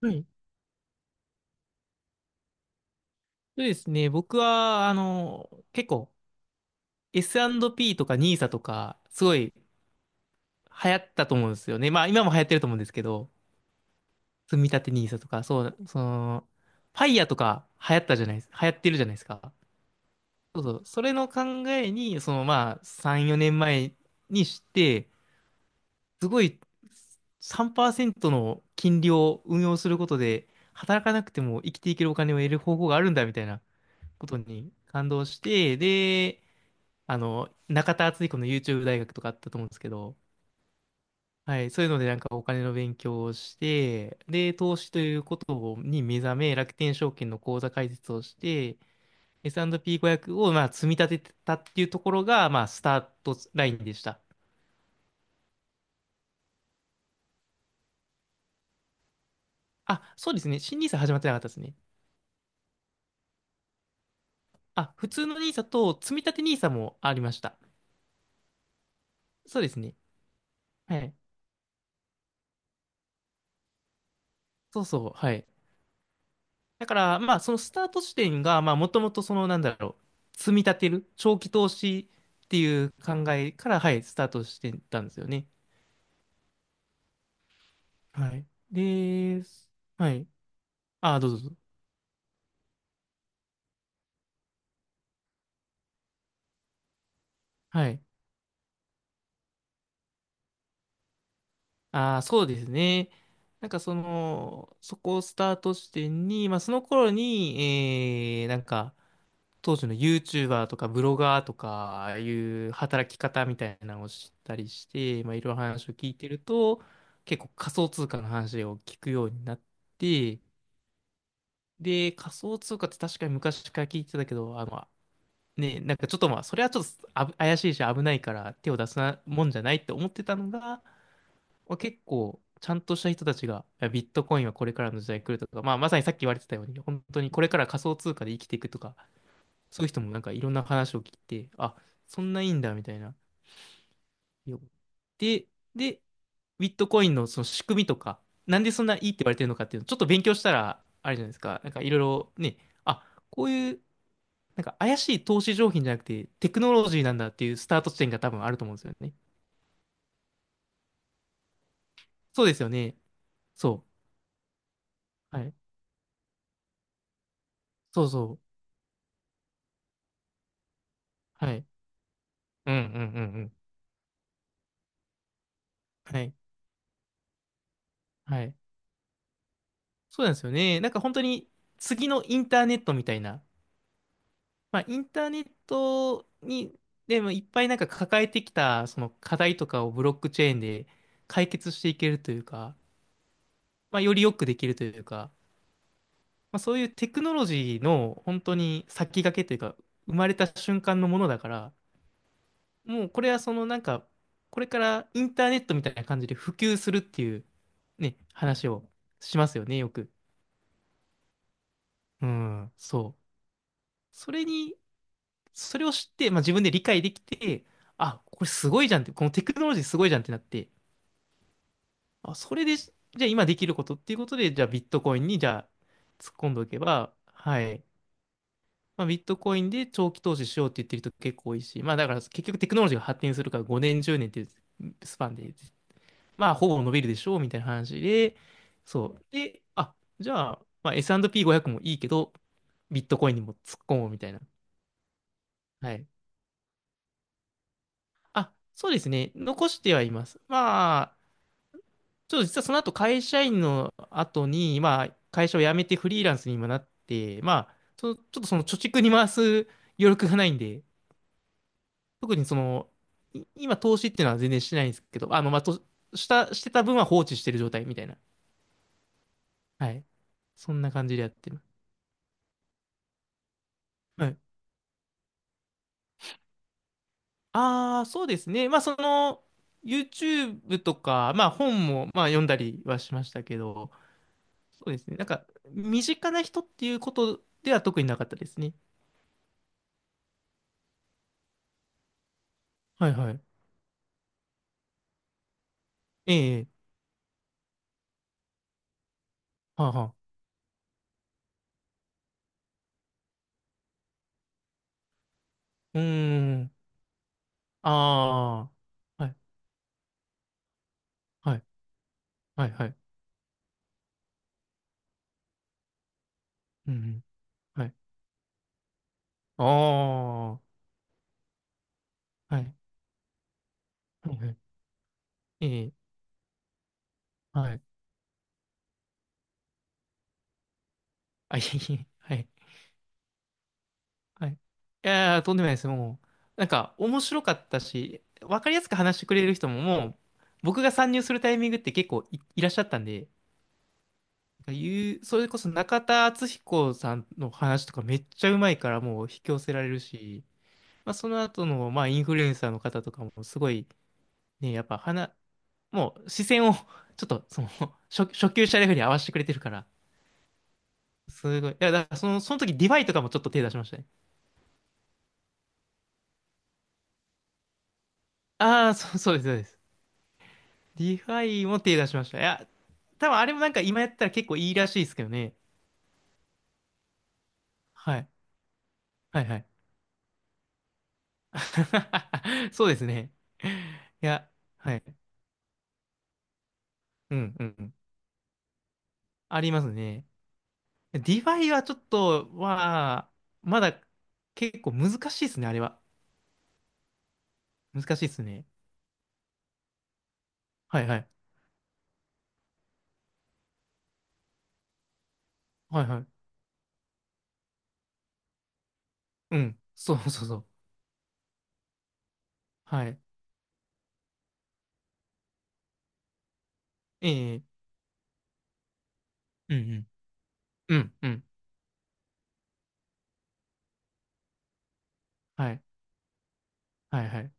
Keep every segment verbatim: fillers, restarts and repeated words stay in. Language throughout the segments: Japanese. はい。そうですね。僕は、あの、結構 エスアンドピー とかニーサとか、すごい流行ったと思うんですよね。まあ今も流行ってると思うんですけど、積み立てニーサとか、そう、その、ファイヤーとか流行ったじゃないです、流行ってるじゃないですか。そうそう。それの考えに、そのまあさん、よねんまえにして、すごいさんパーセントの金利を運用することで、働かなくても生きていけるお金を得る方法があるんだみたいなことに感動して、で、あの、中田敦彦の YouTube 大学とかあったと思うんですけど、はい、そういうのでなんかお金の勉強をして、で、投資ということに目覚め、楽天証券の口座開設をして、S&ピーごひゃく をまあ積み立ててたっていうところが、まあ、スタートラインでした。あ、そうですね。新ニーサ始まってなかったですね。あ、普通のニーサと積み立てニーサもありました。そうですね。はい。そうそう。はい。だから、まあ、そのスタート地点が、まあ、もともとその、なんだろう、積み立てる、長期投資っていう考えから、はい、スタートしてたんですよね。はい。で、はい。ああ、どうぞどうぞ。はい。ああ、そうですね。なんかその、そこをスタート地点に、まあ、その頃に、えー、なんか、当時の YouTuber とかブロガーとか、ああいう働き方みたいなのを知ったりして、まあ、いろいろ話を聞いてると、結構仮想通貨の話を聞くようになって、で、仮想通貨って確かに昔から聞いてたけど、あの、ね、なんかちょっとまあ、それはちょっとあぶ怪しいし危ないから手を出すなもんじゃないって思ってたのが、まあ、結構、ちゃんとした人たちが、いやビットコインはこれからの時代来るとか、まあ、まさにさっき言われてたように、本当にこれから仮想通貨で生きていくとか、そういう人もなんかいろんな話を聞いて、あ、そんないいんだみたいな。よで、で、ビットコインのその仕組みとか、なんでそんないいって言われてるのかっていうのをちょっと勉強したら、あれじゃないですか、なんかいろいろね、あ、こういう、なんか怪しい投資商品じゃなくてテクノロジーなんだっていうスタート地点が多分あると思うんですよね。そうですよね。そう。はい。そうそう。はい。うんうんうんうん。はい。はい。そうなんですよね。なんか本当に次のインターネットみたいな、まあ、インターネットに、でもいっぱいなんか抱えてきた、その課題とかをブロックチェーンで解決していけるというか、まあ、よりよくできるというか、まあ、そういうテクノロジーの本当に先駆けというか、生まれた瞬間のものだから、もうこれはそのなんか、これからインターネットみたいな感じで普及するっていうね、話をしますよね、よく。うん、そう。それにそれを知って、まあ、自分で理解できて、あ、これすごいじゃんって、このテクノロジーすごいじゃんってなって、あ、それで、じゃあ今できることっていうことで、じゃあビットコインにじゃあ突っ込んでおけば、はい。まあ、ビットコインで長期投資しようって言ってる人結構多いし、まあだから結局テクノロジーが発展するからごねん、じゅうねんっていうスパンで、まあほぼ伸びるでしょうみたいな話で、そう。で、あ、じゃあ、まあ、S&ピーごひゃく もいいけど、ビットコインにも突っ込もうみたいな。はい。あ、そうですね。残してはいます。まあ、ちょっと実はその後会社員の後に、まあ、会社を辞めてフリーランスに今なって、まあ、そちょっとその貯蓄に回す余力がないんで、特にその、い今投資っていうのは全然してないんですけど、あの、まあ、と、した、してた分は放置してる状態みたいな。はい。そんな感じでやってる。はい。ああ、そうですね。まあ、その、YouTube とか、まあ、本も、まあ、読んだりはしましたけど、そうですね。なんか、身近な人っていうことでは特になかったですね。はいはい。ええ、はあ、はあ。うーん。ああ。はい、はい、はい、はい。うん、うんはい。ああ。はい、はい、はい。ええ、はい。あ、いえいえ、はい、はい。いやー、とんでもないです。もう、なんか、面白かったし、わかりやすく話してくれる人も、もう、僕が参入するタイミングって結構い、いらっしゃったんで、言う、それこそ中田敦彦さんの話とかめっちゃうまいからもう引き寄せられるし、まあ、その後の、まあ、インフルエンサーの方とかもすごい、ね、やっぱ話、もう視線を ちょっとその 初、初級者レベルに合わせてくれてるから、すごい。いや、だからその、その時ディファイとかもちょっと手出しましたね。ああ、そう、そうです、そうです。ディファイも手出しました。いや、多分あれもなんか今やったら結構いいらしいですけどね。はい。はいはい。そうですね。いや、はい。うんうんうん。ありますね。ディファイはちょっと、は、まだ結構難しいですね、あれは。難しいですね。はいはい。はいはい。うん。そうそうそう。はい。ええうんうん。うんうん。はい。はいはい。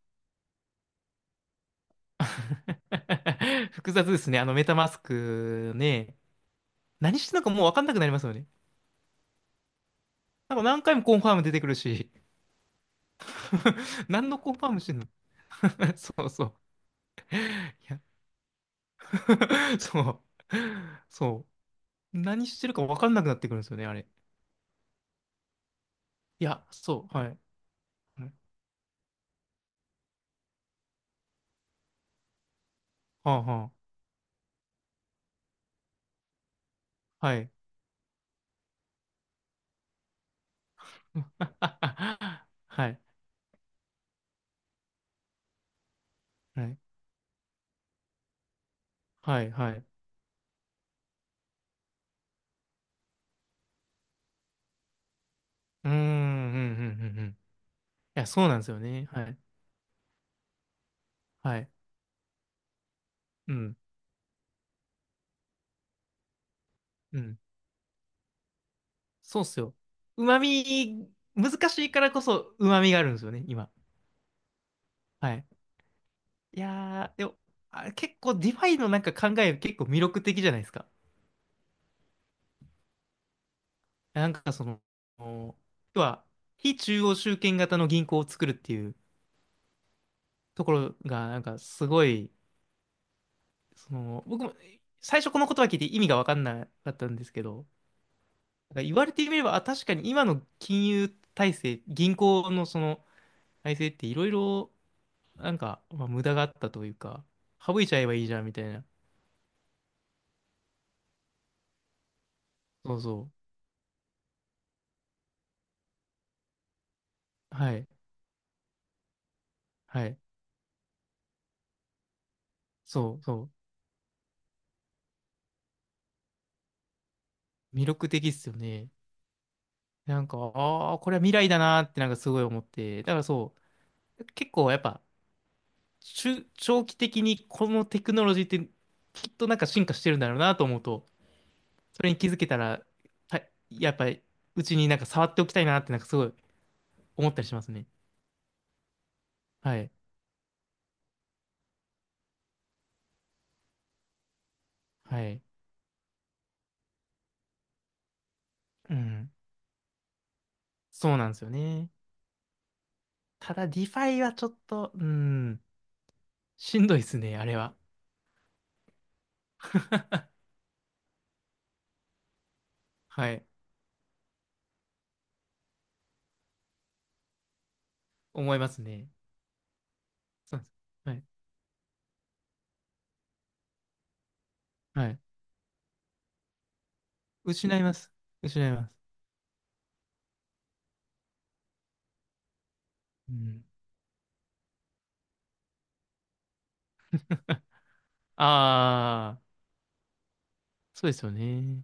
複雑ですね。あのメタマスクね。何してんのかもうわかんなくなりますよね。なんか何回もコンファーム出てくるし。何のコンファームしてんの。 そうそう。いや そう。そう。何してるかわかんなくなってくるんですよね、あれ。いや、そう、はい。うんはあはあ、はい。はい、はい、はい、はい。うーん、うん、うん、うん。うん、いや、そうなんですよね。はい、はい。うん、うん。そうっすよ。うまみ、難しいからこそ、うまみがあるんですよね、今。はい。いやー、でも、あ、結構、ディファイのなんか考え、結構魅力的じゃないですか。なんか、その、要は、非中央集権型の銀行を作るっていうところが、なんか、すごい、その、僕も最初この言葉聞いて意味が分かんなかったんですけど、なんか言われてみれば、あ、確かに今の金融体制、銀行のその体制っていろいろ、なんか、まあ、無駄があったというか、省いちゃえばいいじゃんみたいな。そうそう。はい。はい。そうそう。魅力的っすよね。なんか、ああ、これは未来だなーってなんかすごい思って。だからそう、結構やっぱ、中長期的にこのテクノロジーってきっとなんか進化してるんだろうなと思うと、それに気づけたら、はい、やっぱり、うちになんか触っておきたいなってなんかすごい思ったりしますね。はい。はい。うん。そうなんですよね。ただ、ディファイはちょっと、うん、しんどいですね、あれは。はい。思いますね。そうです。はい。はい。失います。失います。うん。ああ、そうですよね。